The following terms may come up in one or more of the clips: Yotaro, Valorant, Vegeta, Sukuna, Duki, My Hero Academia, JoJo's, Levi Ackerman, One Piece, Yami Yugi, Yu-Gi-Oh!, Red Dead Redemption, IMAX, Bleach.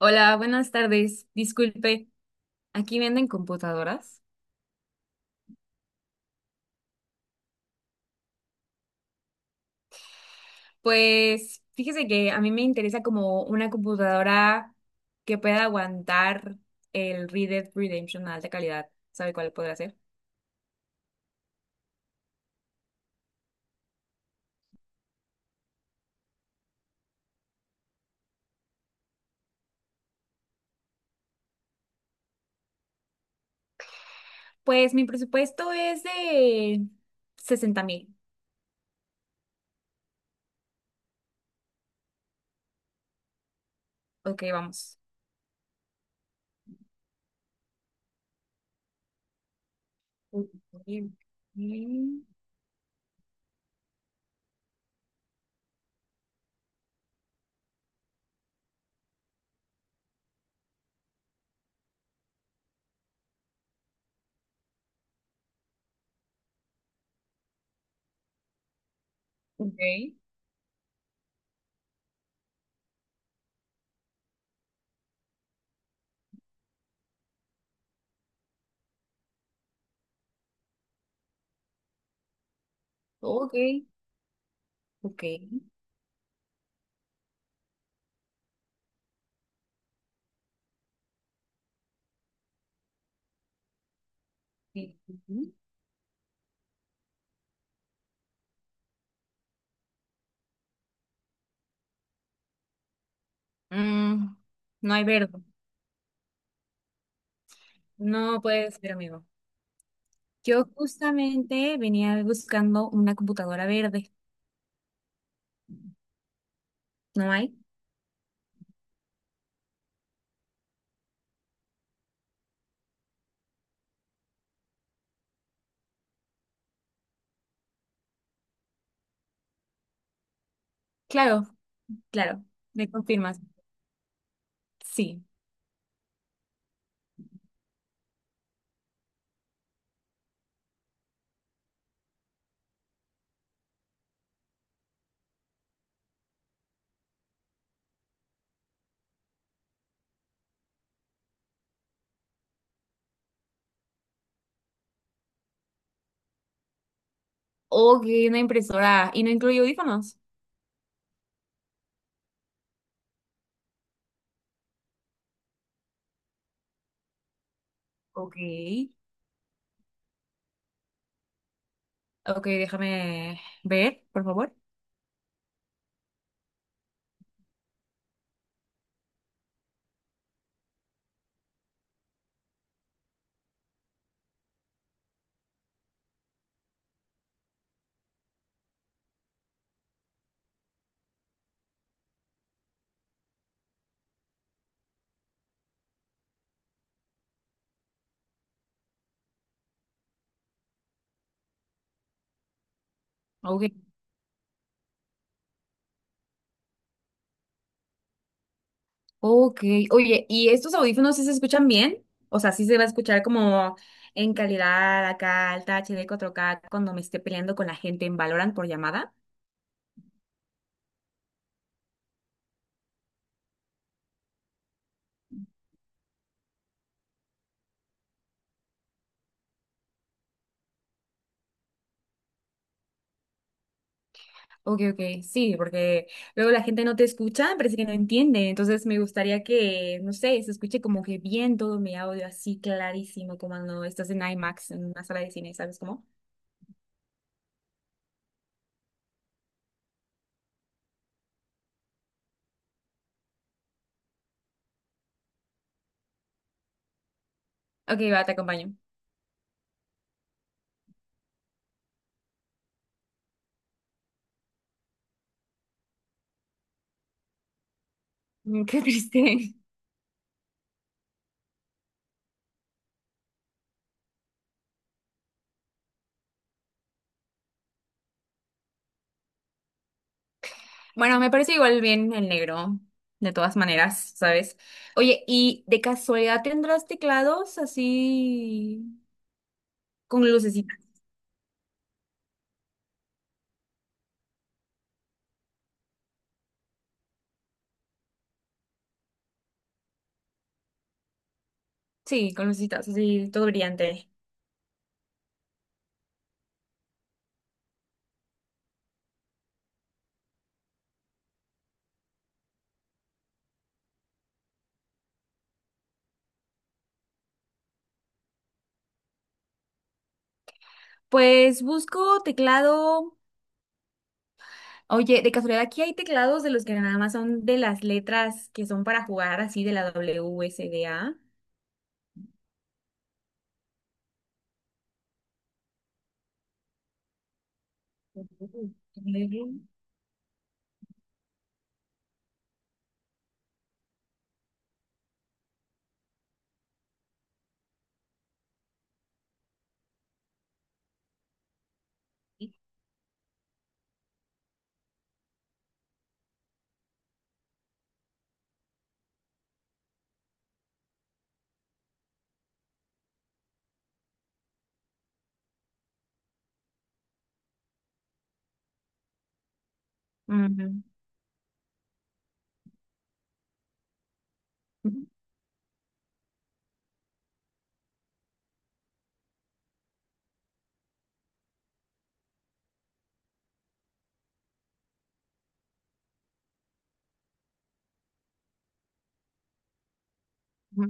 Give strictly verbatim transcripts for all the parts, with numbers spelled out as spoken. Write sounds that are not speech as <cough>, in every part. Hola, buenas tardes. Disculpe, ¿aquí venden computadoras? Pues fíjese que a mí me interesa como una computadora que pueda aguantar el Red Dead Redemption a alta calidad. ¿Sabe cuál podrá ser? Pues mi presupuesto es de sesenta mil. Ok, vamos. Ok, ok, ok, ok. Mm, no hay verde. No puede ser, amigo. Yo justamente venía buscando una computadora verde. ¿No hay? Claro, claro. ¿Me confirmas? Sí. Ok, una impresora. ¿Y no incluye audífonos? Ok. Ok, déjame ver, por favor. Ok. Ok. Oye, ¿y estos audífonos sí se escuchan bien? O sea, sí se va a escuchar como en calidad acá, alta H D cuatro K, cuando me esté peleando con la gente en Valorant por llamada. Ok, ok, sí, porque luego la gente no te escucha, parece que no entiende, entonces me gustaría que, no sé, se escuche como que bien todo mi audio así clarísimo, como cuando estás en IMAX, en una sala de cine, ¿sabes cómo? Ok, va, te acompaño. Mm, qué triste. <laughs> Bueno, me parece igual bien el negro, de todas maneras, ¿sabes? Oye, ¿y de casualidad tendrás teclados así con lucecitas? Sí, con lucecitas, así todo brillante. Pues busco teclado. Oye, de casualidad, aquí hay teclados de los que nada más son de las letras que son para jugar así de la W WSDA. Ujú. Ujú. Ujú.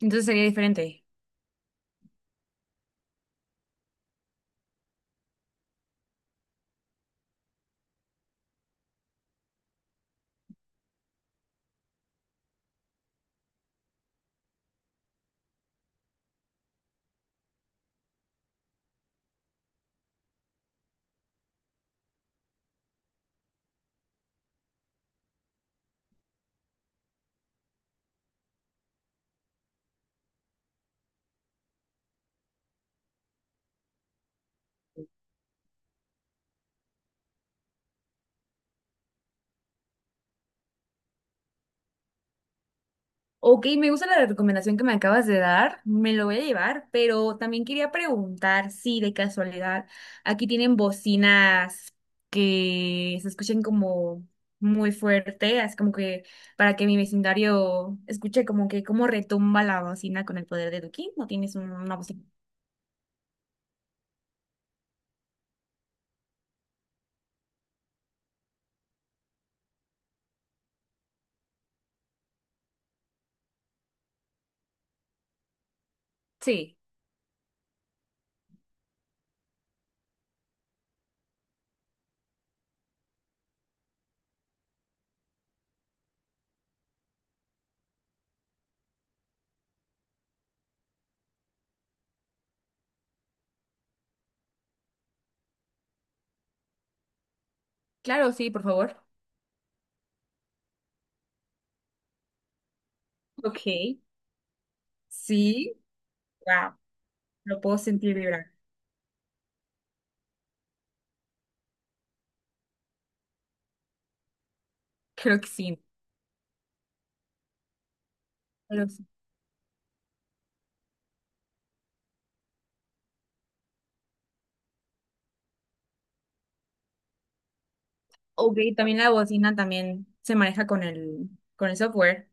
Entonces sería diferente. Ok, me gusta la recomendación que me acabas de dar, me lo voy a llevar, pero también quería preguntar si de casualidad aquí tienen bocinas que se escuchen como muy fuerte, así como que para que mi vecindario escuche como que cómo retumba la bocina con el poder de Duki, ¿no tienes un- una bocina? Sí, claro, sí, por favor. Ok, sí, wow, lo puedo sentir vibrar. Creo que sí. Ok, también la bocina también se maneja con el, con el software.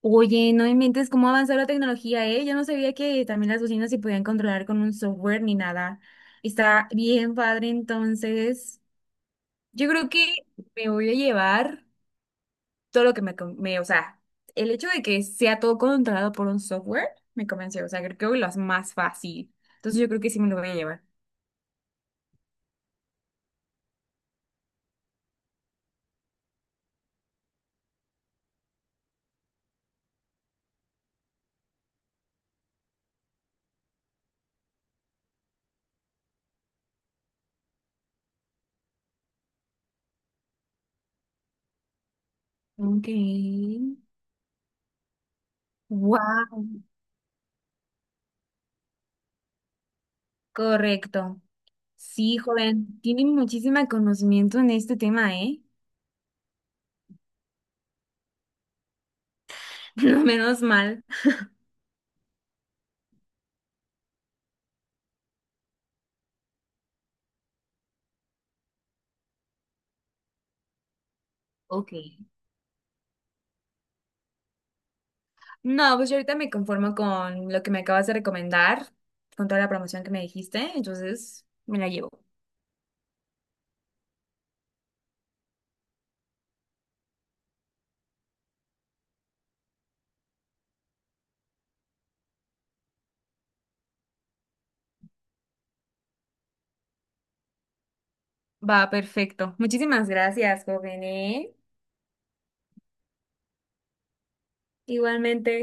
Oye, no inventes cómo ha avanzado la tecnología, ¿eh? Yo no sabía que también las bocinas se podían controlar con un software ni nada. Está bien padre, entonces. Yo creo que me voy a llevar todo lo que me, com- me, o sea, el hecho de que sea todo controlado por un software me convenció, o sea, creo que lo hace más fácil. Entonces yo creo que sí me lo voy a llevar. Ok. Wow, correcto. Sí, joven, tiene muchísimo conocimiento en este tema, ¿eh? <laughs> No, menos mal. Ok. No, pues yo ahorita me conformo con lo que me acabas de recomendar, con toda la promoción que me dijiste, entonces me la llevo. Va, perfecto. Muchísimas gracias, joven, ¿eh? Igualmente.